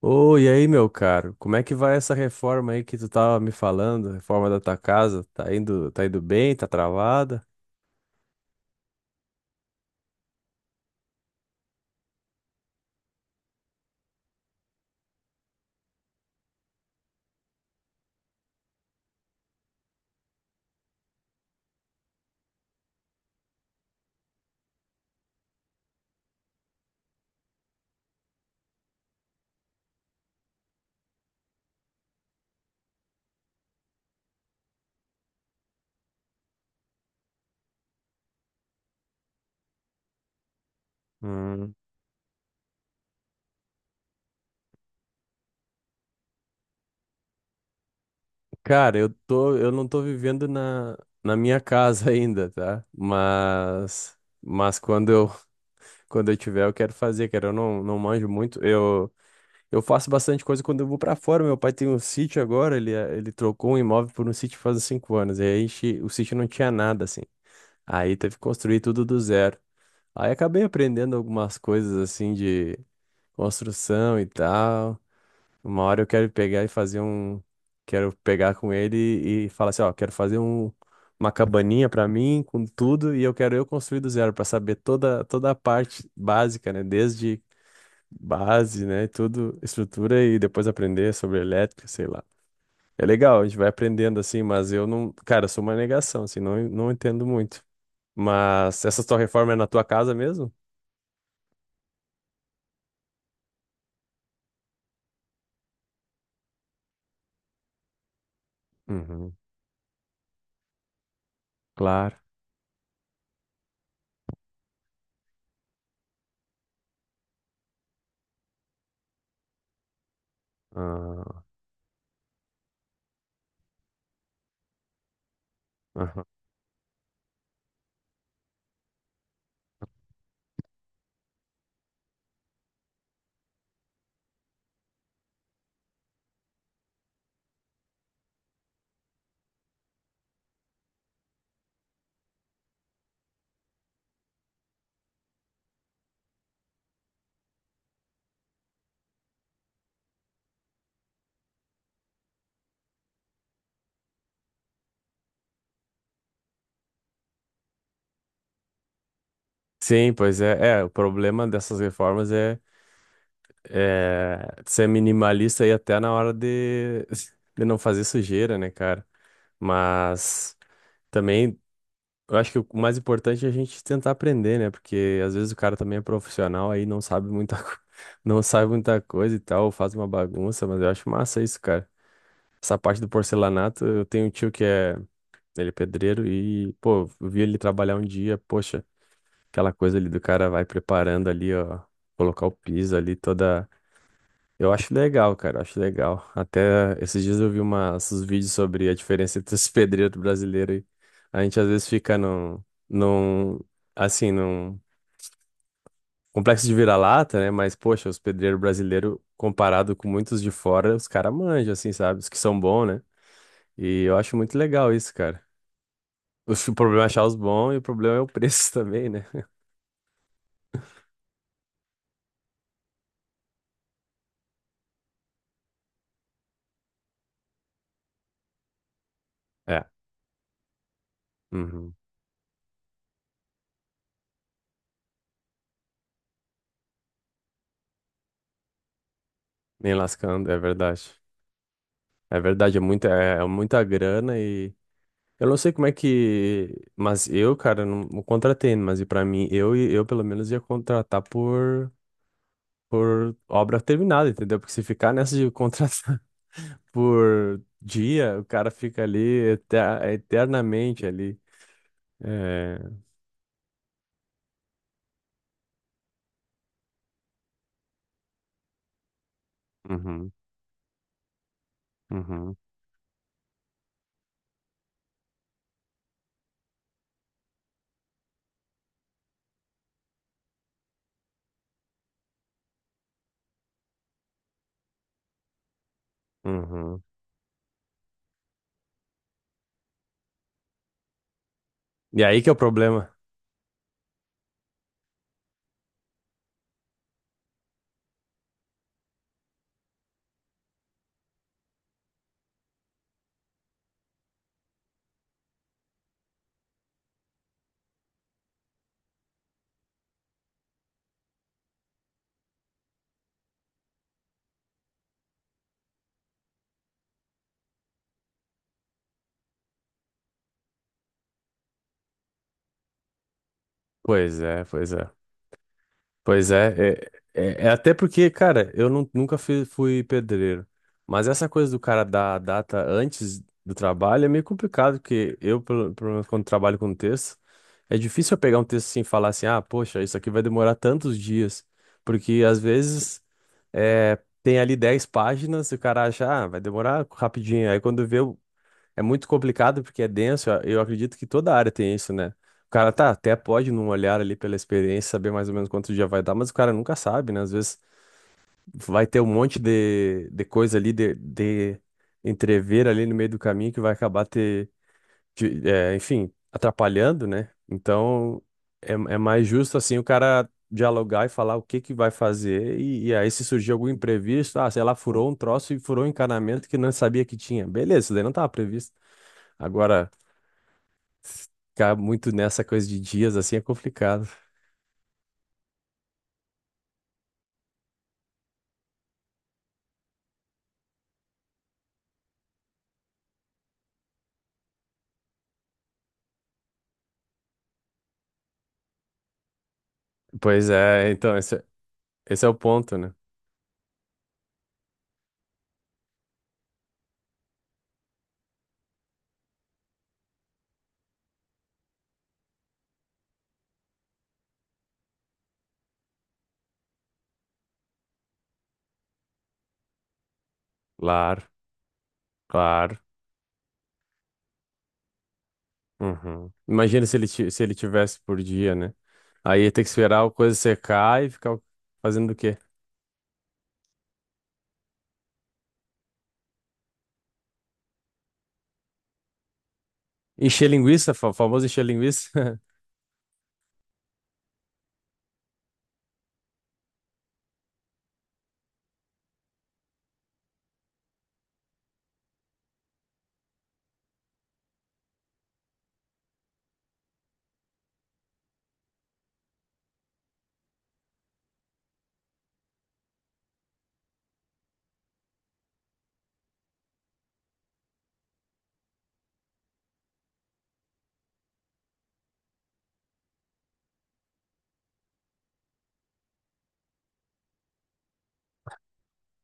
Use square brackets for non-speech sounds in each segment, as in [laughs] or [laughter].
Ô, e aí, meu caro, como é que vai essa reforma aí que tu tava me falando? Reforma da tua casa, tá indo bem, tá travada? Hum. Cara, eu não tô vivendo na minha casa [laughs] ainda, tá? Mas [laughs] quando eu tiver, eu quero fazer, cara, eu não manjo muito. Eu faço bastante coisa quando eu vou pra fora. Meu pai tem um sítio agora, ele trocou um imóvel por um sítio faz uns 5 anos. E aí, a o sítio não tinha nada, assim. Aí teve que construir tudo do zero. Aí acabei aprendendo algumas coisas assim de construção e tal. Uma hora eu quero pegar e fazer um. Quero pegar com ele e falar assim, ó, quero fazer um, uma cabaninha pra mim com tudo e eu quero eu construir do zero pra saber toda, toda a parte básica, né? Desde base, né? Tudo, estrutura e depois aprender sobre elétrica, sei lá. É legal, a gente vai aprendendo assim, mas eu não. Cara, eu sou uma negação, assim, não entendo muito. Mas essa tua reforma é na tua casa mesmo? Uhum, claro. Ah, aham. Sim, pois é, o problema dessas reformas é ser minimalista e até na hora de, [laughs] de não fazer sujeira, né, cara? Mas também eu acho que o mais importante é a gente tentar aprender, né? Porque às vezes o cara também é profissional aí não sabe muita, [laughs] não sabe muita coisa e tal, faz uma bagunça, mas eu acho massa isso, cara. Essa parte do porcelanato, eu tenho um tio que é, ele é pedreiro e, pô, eu vi ele trabalhar um dia, poxa. Aquela coisa ali do cara vai preparando ali, ó, colocar o piso ali toda. Eu acho legal, cara, eu acho legal. Até esses dias eu vi umas, uns vídeos sobre a diferença entre os [laughs] pedreiros brasileiros e a gente às vezes fica num, assim, num complexo de vira-lata, né? Mas, poxa, os pedreiros brasileiros, comparado com muitos de fora, os caras manjam, assim, sabe? Os que são bons, né? E eu acho muito legal isso, cara. O problema é achar os bons e o problema é o preço [laughs] também, né? É. Uhum. Nem lascando, é verdade. É verdade, é muita, é é muita grana e eu não sei como é que, mas eu, cara, não contratei, mas e para mim, eu pelo menos ia contratar por obra terminada, entendeu? Porque se ficar nessa de contratar [laughs] por dia, o cara fica ali eternamente ali. É... Uhum, uhum, uhum. E aí que é o problema. Pois é, pois é. Pois é, é até porque, cara, eu nunca fui pedreiro, mas essa coisa do cara dar a data antes do trabalho é meio complicado, porque eu, pelo menos quando trabalho com texto, é difícil eu pegar um texto assim e falar assim, ah, poxa, isso aqui vai demorar tantos dias, porque às vezes é, tem ali 10 páginas e o cara acha, ah, vai demorar rapidinho, aí quando vê, é muito complicado porque é denso. Eu acredito que toda área tem isso, né? O cara tá, até pode, num olhar ali pela experiência, saber mais ou menos quanto dia vai dar, mas o cara nunca sabe, né? Às vezes vai ter um monte de coisa ali, de entrever ali no meio do caminho que vai acabar te, é, enfim, atrapalhando, né? Então é mais justo assim o cara dialogar e falar o que que vai fazer e, aí se surgir algum imprevisto, ah, sei lá, furou um troço e furou um encanamento que não sabia que tinha. Beleza, isso daí não estava previsto. Agora ficar muito nessa coisa de dias assim é complicado. Pois é, então, esse é o ponto, né? Claro, claro. Uhum. Imagina se ele, se ele tivesse por dia, né? Aí ia ter que esperar a coisa secar e ficar fazendo o quê? Encher linguiça, famoso encher linguiça. [laughs]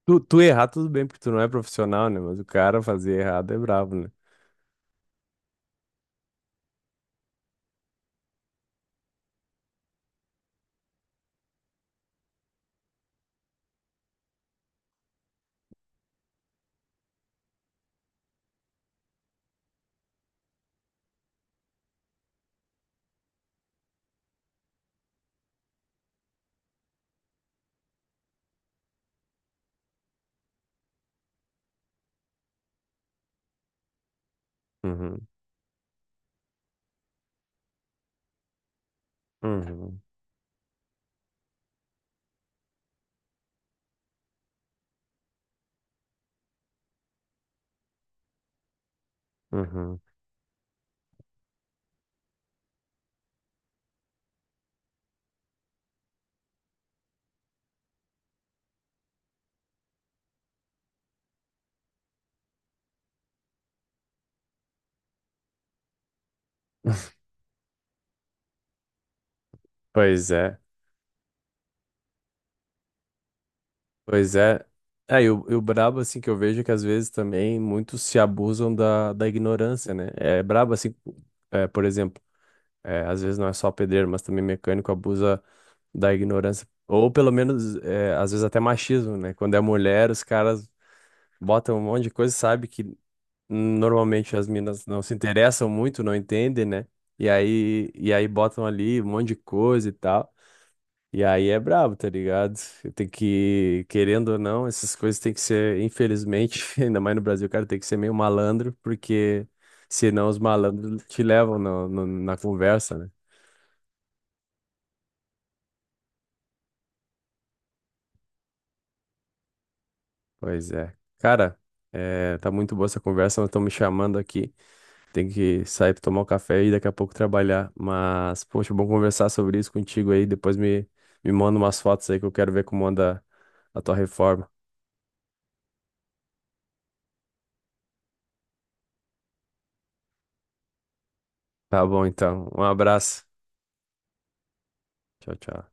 Tu errar, tudo bem, porque tu não é profissional, né? Mas o cara fazer errado é brabo, né? Uhum, uhum, uhum. Pois é. Pois é. É, e o brabo, assim, que eu vejo é que às vezes também muitos se abusam da ignorância, né? É brabo, assim, é, por exemplo, é, às vezes não é só pedreiro, mas também mecânico abusa da ignorância. Ou pelo menos, é, às vezes até machismo, né? Quando é mulher, os caras botam um monte de coisa, sabe que normalmente as minas não se interessam muito, não entendem, né? E aí botam ali um monte de coisa e tal. E aí é brabo, tá ligado? Tem que, querendo ou não, essas coisas tem que ser, infelizmente, [laughs] ainda mais no Brasil, cara, tem que ser meio malandro, porque senão os malandros te levam na conversa, né? Pois é. Cara, é, tá muito boa essa conversa, mas estão me chamando aqui. Tem que sair pra tomar um café e daqui a pouco trabalhar. Mas, poxa, bom conversar sobre isso contigo aí. Depois me manda umas fotos aí que eu quero ver como anda a tua reforma. Tá bom, então. Um abraço. Tchau, tchau.